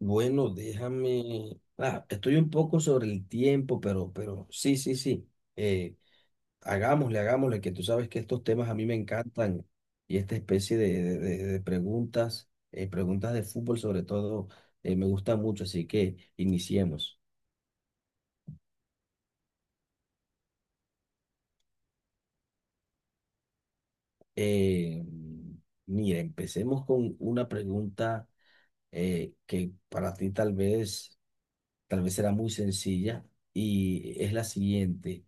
Bueno, déjame. Estoy un poco sobre el tiempo, pero sí, sí, sí. Eh, hagámosle, que tú sabes que estos temas a mí me encantan y esta especie de preguntas, preguntas de fútbol sobre todo, me gusta mucho, así que iniciemos. Eh, mira, empecemos con una pregunta que para ti tal vez será muy sencilla y es la siguiente.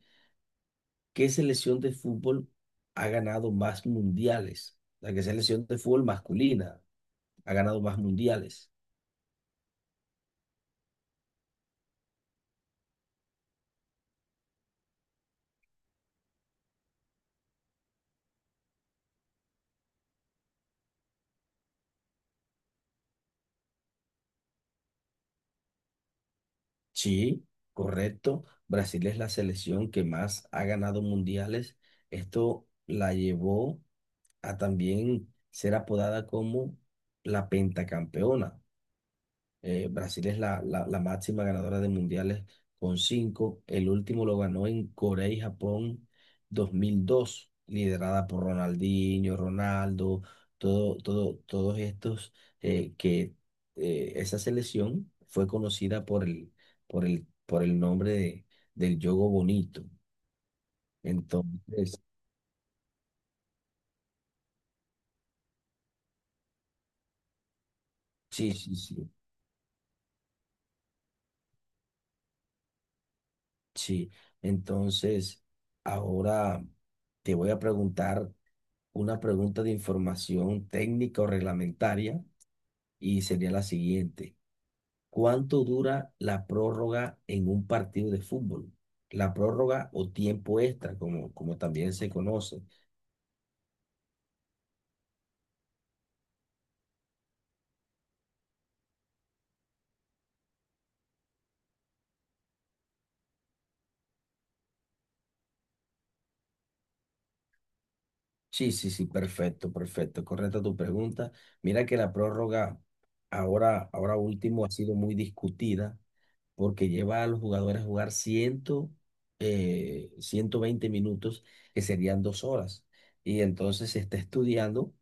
¿Qué selección de fútbol ha ganado más mundiales? La que selección de fútbol masculina ha ganado más mundiales. Sí, correcto. Brasil es la selección que más ha ganado mundiales. Esto la llevó a también ser apodada como la pentacampeona. Brasil es la máxima ganadora de mundiales con cinco. El último lo ganó en Corea y Japón 2002, liderada por Ronaldinho, Ronaldo, todos estos que esa selección fue conocida por el nombre del Yogo Bonito. Entonces, sí, sí, sí, sí. Entonces, ahora te voy a preguntar una pregunta de información técnica o reglamentaria y sería la siguiente. ¿Cuánto dura la prórroga en un partido de fútbol? La prórroga o tiempo extra, como también se conoce. Sí, sí, sí, perfecto, perfecto. Correcta tu pregunta. Mira que la prórroga ahora último ha sido muy discutida porque lleva a los jugadores a jugar 120 minutos, que serían dos horas. Y entonces se está estudiando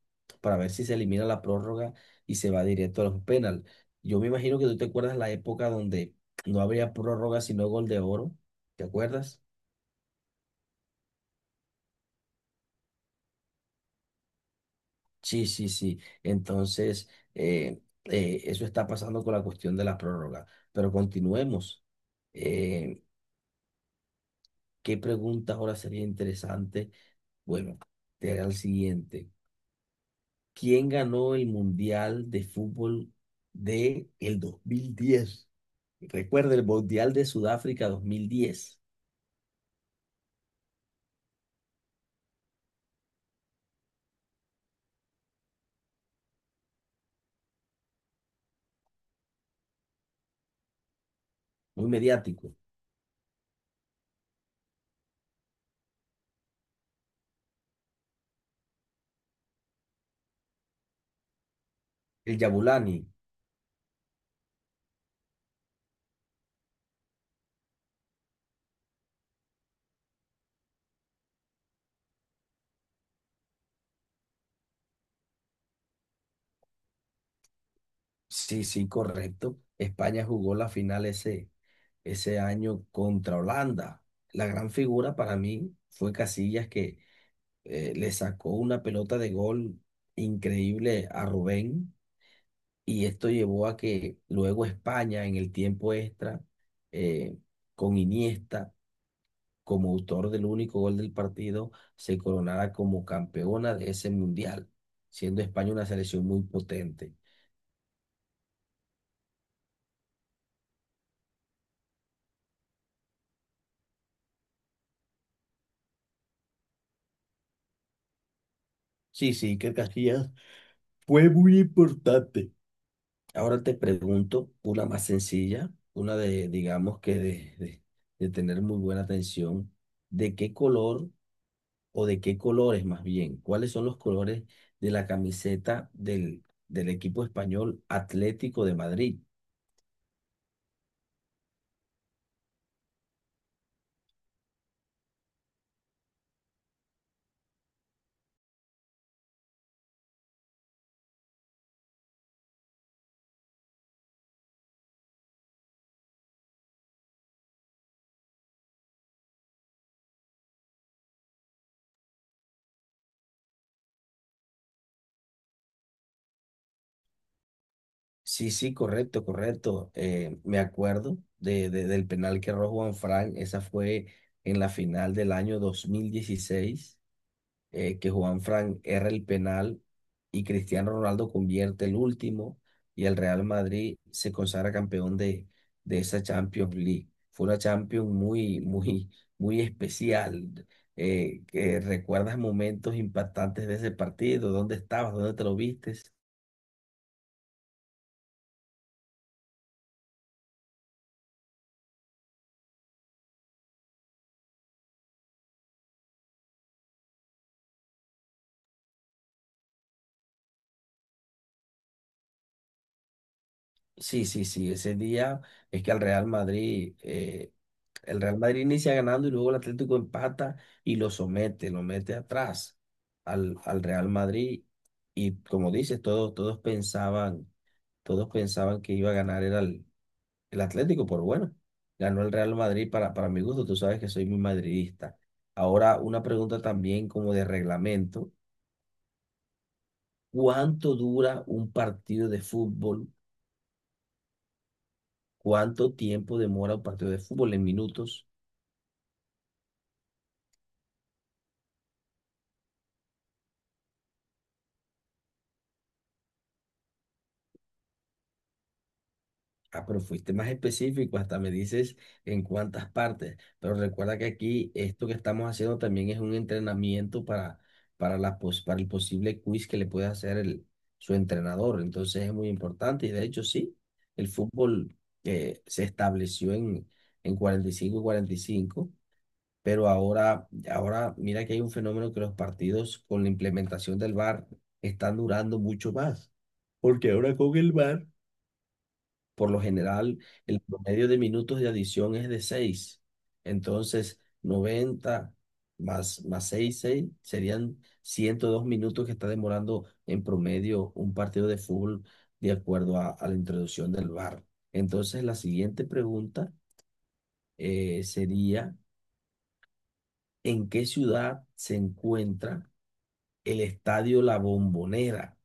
para ver si se elimina la prórroga y se va directo a los penal. Yo me imagino que tú te acuerdas la época donde no habría prórroga sino gol de oro. ¿Te acuerdas? Sí, sí, sí. Entonces, eso está pasando con la cuestión de la prórroga. Pero continuemos. Eh, ¿Qué pregunta ahora sería interesante? Bueno, te haré el siguiente. ¿Quién ganó el Mundial de Fútbol de el 2010? Recuerda el Mundial de Sudáfrica 2010. Muy mediático. El Yabulani. Sí, sí, correcto. España jugó la final ese año contra Holanda. La gran figura para mí fue Casillas que le sacó una pelota de gol increíble a Rubén y esto llevó a que luego España en el tiempo extra, eh, con Iniesta como autor del único gol del partido, se coronara como campeona de ese mundial, siendo España una selección muy potente. Sí, sí, que Casillas fue muy importante. Ahora te pregunto una más sencilla, una de, digamos que de tener muy buena atención. ¿De qué color o de qué colores más bien? ¿Cuáles son los colores de la camiseta del equipo español Atlético de Madrid? Sí, sí, correcto, correcto. Me acuerdo del penal que erró Juan Fran. Esa fue en la final del año 2016. Que Juan Fran erra el penal y Cristiano Ronaldo convierte el último y el Real Madrid se consagra campeón de esa Champions League. Fue una Champions muy especial. Que ¿Recuerdas momentos impactantes de ese partido? ¿Dónde estabas? ¿Dónde te lo viste? Sí, sí, sí, ese día es que al Real Madrid, el Real Madrid inicia ganando y luego el Atlético empata y lo somete, lo mete atrás al Real Madrid. Y como dices, todos pensaban que iba a ganar era el Atlético, pero bueno, ganó el Real Madrid para mi gusto, tú sabes que soy muy madridista. Ahora, una pregunta también como de reglamento, ¿cuánto dura un partido de fútbol? ¿Cuánto tiempo demora un partido de fútbol en minutos? Ah, pero fuiste más específico, hasta me dices en cuántas partes. Pero recuerda que aquí esto que estamos haciendo también es un entrenamiento para el posible quiz que le puede hacer su entrenador. Entonces es muy importante y de hecho sí, el fútbol se estableció en cuarenta y cinco y cinco y cinco, pero ahora mira que hay un fenómeno que los partidos con la implementación del VAR están durando mucho más. Porque ahora con el VAR por lo general, el promedio de minutos de adición es de seis. Entonces, 90 más 6 serían 102 minutos que está demorando en promedio un partido de fútbol de acuerdo a la introducción del VAR. Entonces, la siguiente pregunta sería, ¿en qué ciudad se encuentra el Estadio La Bombonera?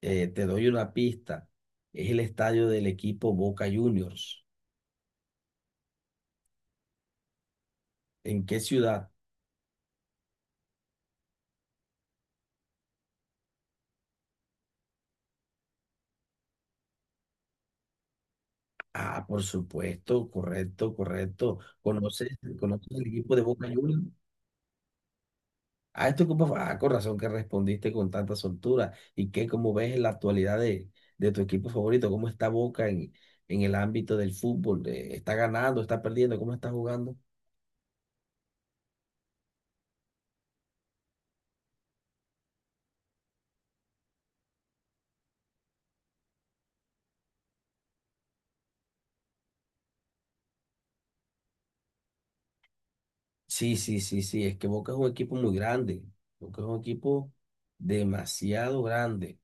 Te doy una pista. Es el estadio del equipo Boca Juniors. ¿En qué ciudad? Ah, por supuesto, correcto, correcto. Conoces el equipo de Boca Juniors? Ah, esto como, ah, con razón que respondiste con tanta soltura. ¿Y qué, cómo ves en la actualidad de tu equipo favorito? ¿Cómo está Boca en el ámbito del fútbol? ¿Está ganando, está perdiendo? ¿Cómo está jugando? Sí, sí, sí, sí, es que Boca es un equipo muy grande. Boca es un equipo demasiado grande.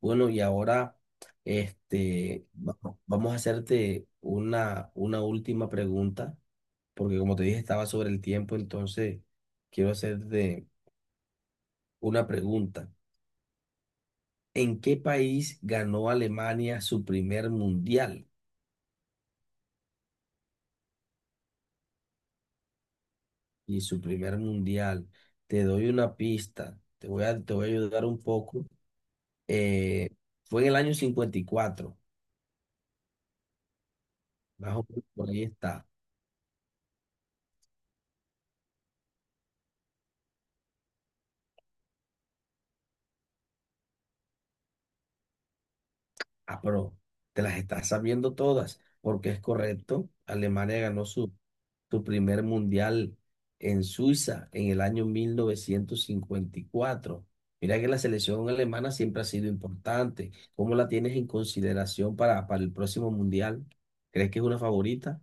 Bueno, y ahora, este, va- vamos a hacerte una última pregunta porque como te dije, estaba sobre el tiempo, entonces quiero hacerte una pregunta. ¿En qué país ganó Alemania su primer mundial? Y su primer mundial, te doy una pista, te voy a ayudar un poco. Eh, fue en el año 54, más o menos por ahí está. Ah, pero te las estás sabiendo todas, porque es correcto. Alemania ganó su primer mundial en Suiza en el año 1954. Mira que la selección alemana siempre ha sido importante. ¿Cómo la tienes en consideración para el próximo mundial? ¿Crees que es una favorita?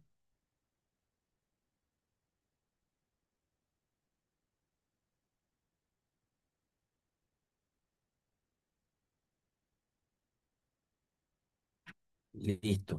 Listo.